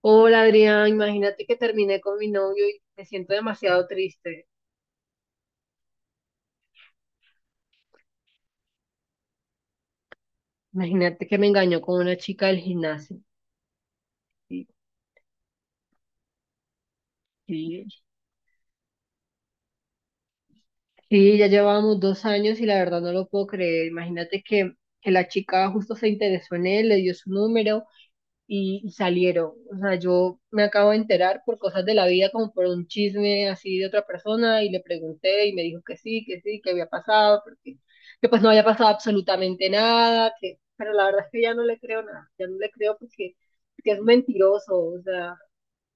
Hola Adrián, imagínate que terminé con mi novio y me siento demasiado triste. Imagínate que me engañó con una chica del gimnasio. Sí, sí. Sí, ya llevábamos 2 años y la verdad no lo puedo creer. Imagínate que, la chica justo se interesó en él, le dio su número y salieron. O sea, yo me acabo de enterar por cosas de la vida, como por un chisme así de otra persona, y le pregunté y me dijo que sí, que sí, que había pasado, que pues no había pasado absolutamente nada, que, pero la verdad es que ya no le creo nada, ya no le creo porque es mentiroso. O sea,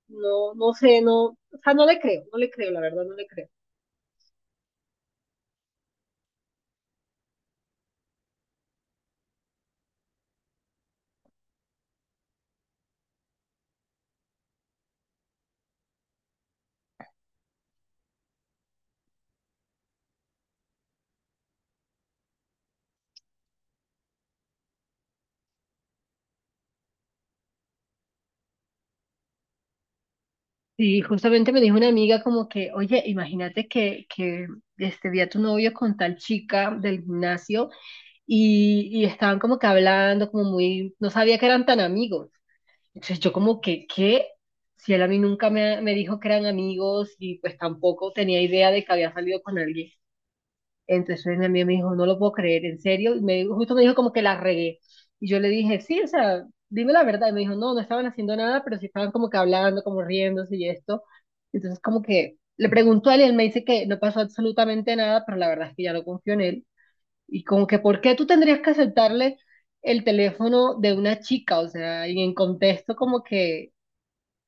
no, no sé. No, o sea, no le creo, no le creo, la verdad no le creo. Sí, justamente me dijo una amiga como que, oye, imagínate que, que vi a tu novio con tal chica del gimnasio y estaban como que hablando, como muy, no sabía que eran tan amigos. Entonces yo como que, ¿qué? Si él a mí nunca me dijo que eran amigos y pues tampoco tenía idea de que había salido con alguien. Entonces mi amiga me dijo, no lo puedo creer, en serio. Justo me dijo como que la regué. Y yo le dije, sí, o sea, dime la verdad. Y me dijo, no, no estaban haciendo nada, pero sí estaban como que hablando, como riéndose y esto. Entonces como que le preguntó a él y él me dice que no pasó absolutamente nada, pero la verdad es que ya no confío en él. Y como que, ¿por qué tú tendrías que aceptarle el teléfono de una chica? O sea, y en contexto como que,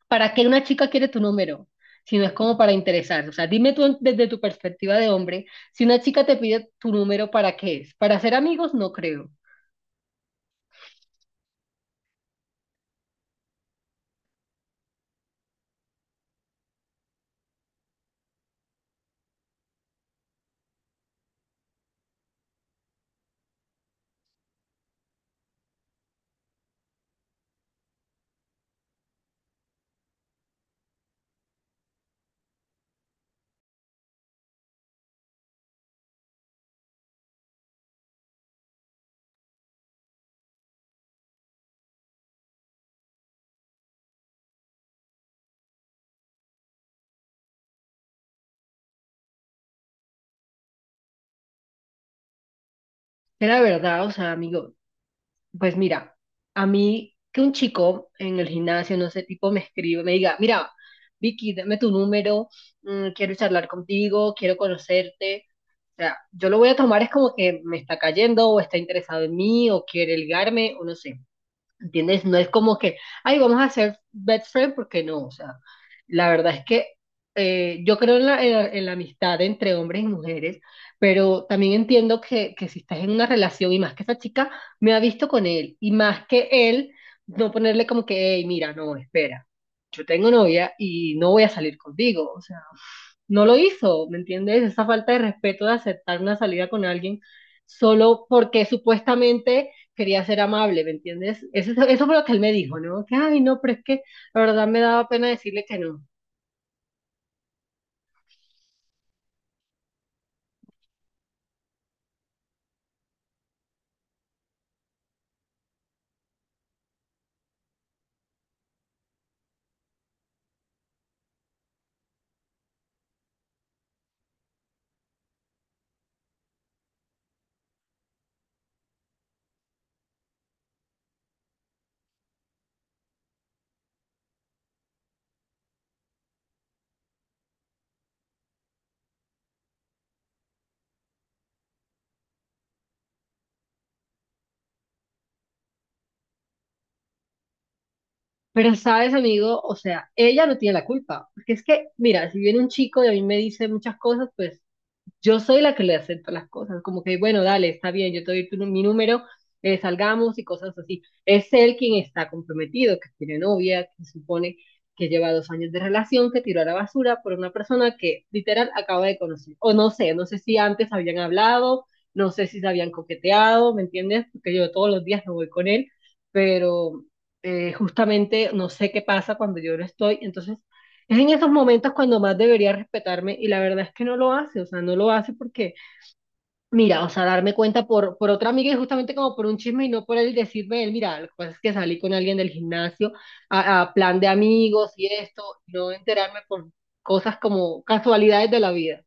¿para qué una chica quiere tu número? Si no es como para interesarse. O sea, dime tú desde tu perspectiva de hombre, si una chica te pide tu número, ¿para qué es? ¿Para ser amigos? No creo. Era verdad, o sea, amigo. Pues mira, a mí que un chico en el gimnasio, no sé, tipo me escribe, me diga, mira, Vicky, dame tu número, quiero charlar contigo, quiero conocerte. O sea, yo lo voy a tomar es como que me está cayendo o está interesado en mí o quiere ligarme o no sé. ¿Entiendes? No es como que, ay, vamos a hacer best friend porque no. O sea, la verdad es que yo creo en la, en la amistad entre hombres y mujeres, pero también entiendo que si estás en una relación y más que esa chica me ha visto con él y más que él, no ponerle como que, hey, mira, no, espera, yo tengo novia y no voy a salir contigo. O sea, no lo hizo, ¿me entiendes? Esa falta de respeto de aceptar una salida con alguien solo porque supuestamente quería ser amable, ¿me entiendes? Eso fue lo que él me dijo, ¿no? Que, ay, no, pero es que la verdad me daba pena decirle que no. Pero sabes, amigo, o sea, ella no tiene la culpa, porque es que, mira, si viene un chico y a mí me dice muchas cosas, pues yo soy la que le acepto las cosas, como que, bueno, dale, está bien, yo te doy tu, mi número, salgamos y cosas así. Es él quien está comprometido, que tiene novia, que supone que lleva 2 años de relación, que tiró a la basura por una persona que literal acaba de conocer. O no sé, no sé si antes habían hablado, no sé si se habían coqueteado, ¿me entiendes? Porque yo todos los días no voy con él, pero justamente no sé qué pasa cuando yo no estoy. Entonces, es en esos momentos cuando más debería respetarme y la verdad es que no lo hace. O sea, no lo hace porque, mira, o sea, darme cuenta por otra amiga y justamente como por un chisme y no por él decirme, él, mira, lo que pasa es que salí con alguien del gimnasio a plan de amigos y esto, no enterarme por cosas como casualidades de la vida.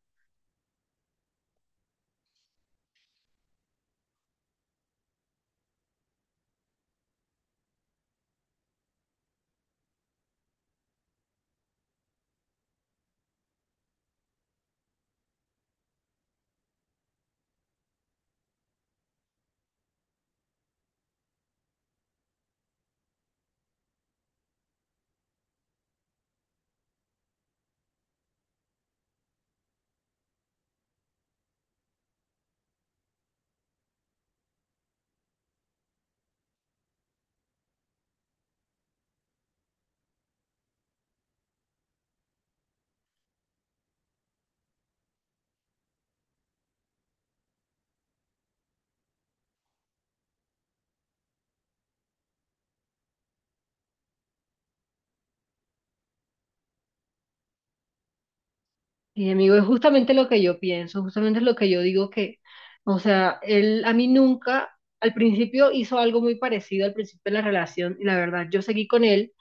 Y amigo, es justamente lo que yo pienso, justamente es lo que yo digo que, o sea, él a mí nunca, al principio hizo algo muy parecido al principio de la relación y la verdad, yo seguí con él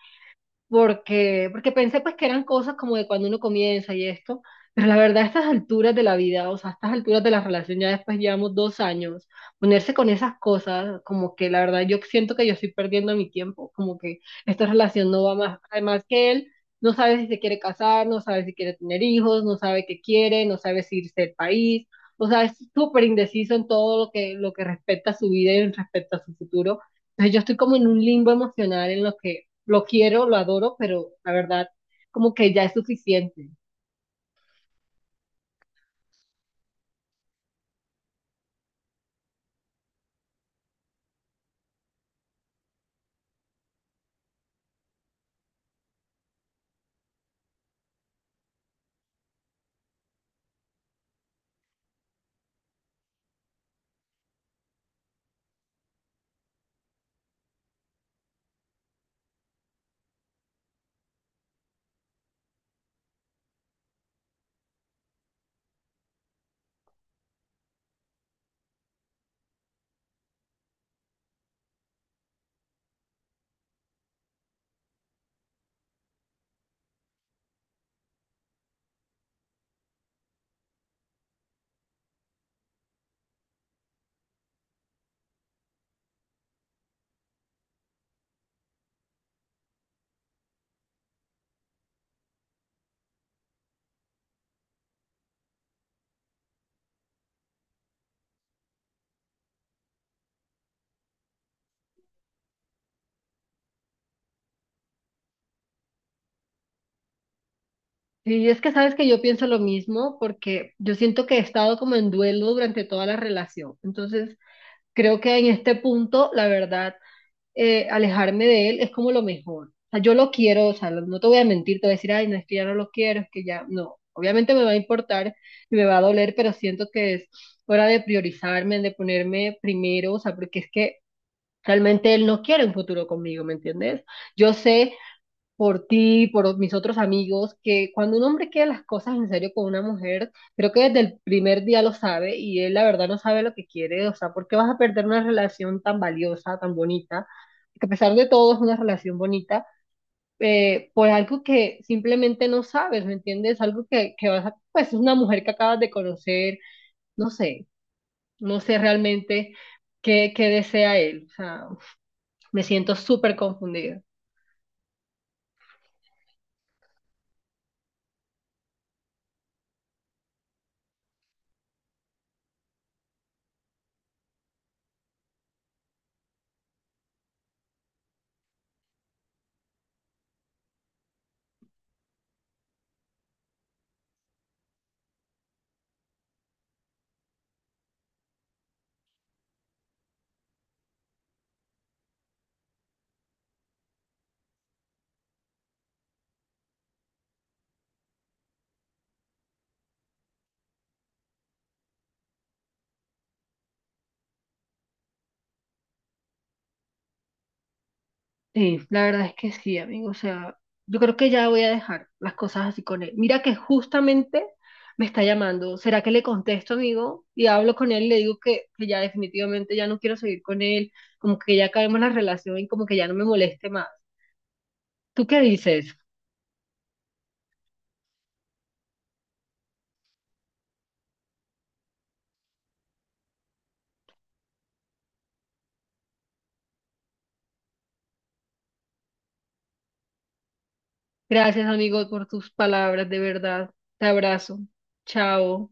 porque, porque pensé pues que eran cosas como de cuando uno comienza y esto, pero la verdad a estas alturas de la vida, o sea, a estas alturas de la relación, ya después llevamos 2 años, ponerse con esas cosas, como que la verdad yo siento que yo estoy perdiendo mi tiempo, como que esta relación no va más. Además, que él no sabe si se quiere casar, no sabe si quiere tener hijos, no sabe qué quiere, no sabe si irse del país. O sea, es súper indeciso en todo lo que respecta a su vida y respecto a su futuro. Entonces yo estoy como en un limbo emocional en lo que lo quiero, lo adoro, pero la verdad, como que ya es suficiente. Y es que sabes que yo pienso lo mismo porque yo siento que he estado como en duelo durante toda la relación. Entonces, creo que en este punto, la verdad, alejarme de él es como lo mejor. O sea, yo lo quiero, o sea, no te voy a mentir, te voy a decir, ay, no, es que ya no lo quiero, es que ya, no. Obviamente me va a importar y me va a doler, pero siento que es hora de priorizarme, de ponerme primero. O sea, porque es que realmente él no quiere un futuro conmigo, ¿me entiendes? Yo sé por ti, por mis otros amigos, que cuando un hombre quiere las cosas en serio con una mujer, creo que desde el primer día lo sabe y él la verdad no sabe lo que quiere. O sea, ¿por qué vas a perder una relación tan valiosa, tan bonita? Que a pesar de todo es una relación bonita, por algo que simplemente no sabes, ¿me entiendes? Algo que vas a, pues es una mujer que acabas de conocer, no sé, no sé realmente qué desea él. O sea, me siento súper confundida. Sí, la verdad es que sí, amigo. O sea, yo creo que ya voy a dejar las cosas así con él. Mira que justamente me está llamando. ¿Será que le contesto, amigo? Y hablo con él y le digo que ya definitivamente ya no quiero seguir con él, como que ya acabemos la relación y como que ya no me moleste más. ¿Tú qué dices? Gracias, amigo, por tus palabras, de verdad. Te abrazo. Chao.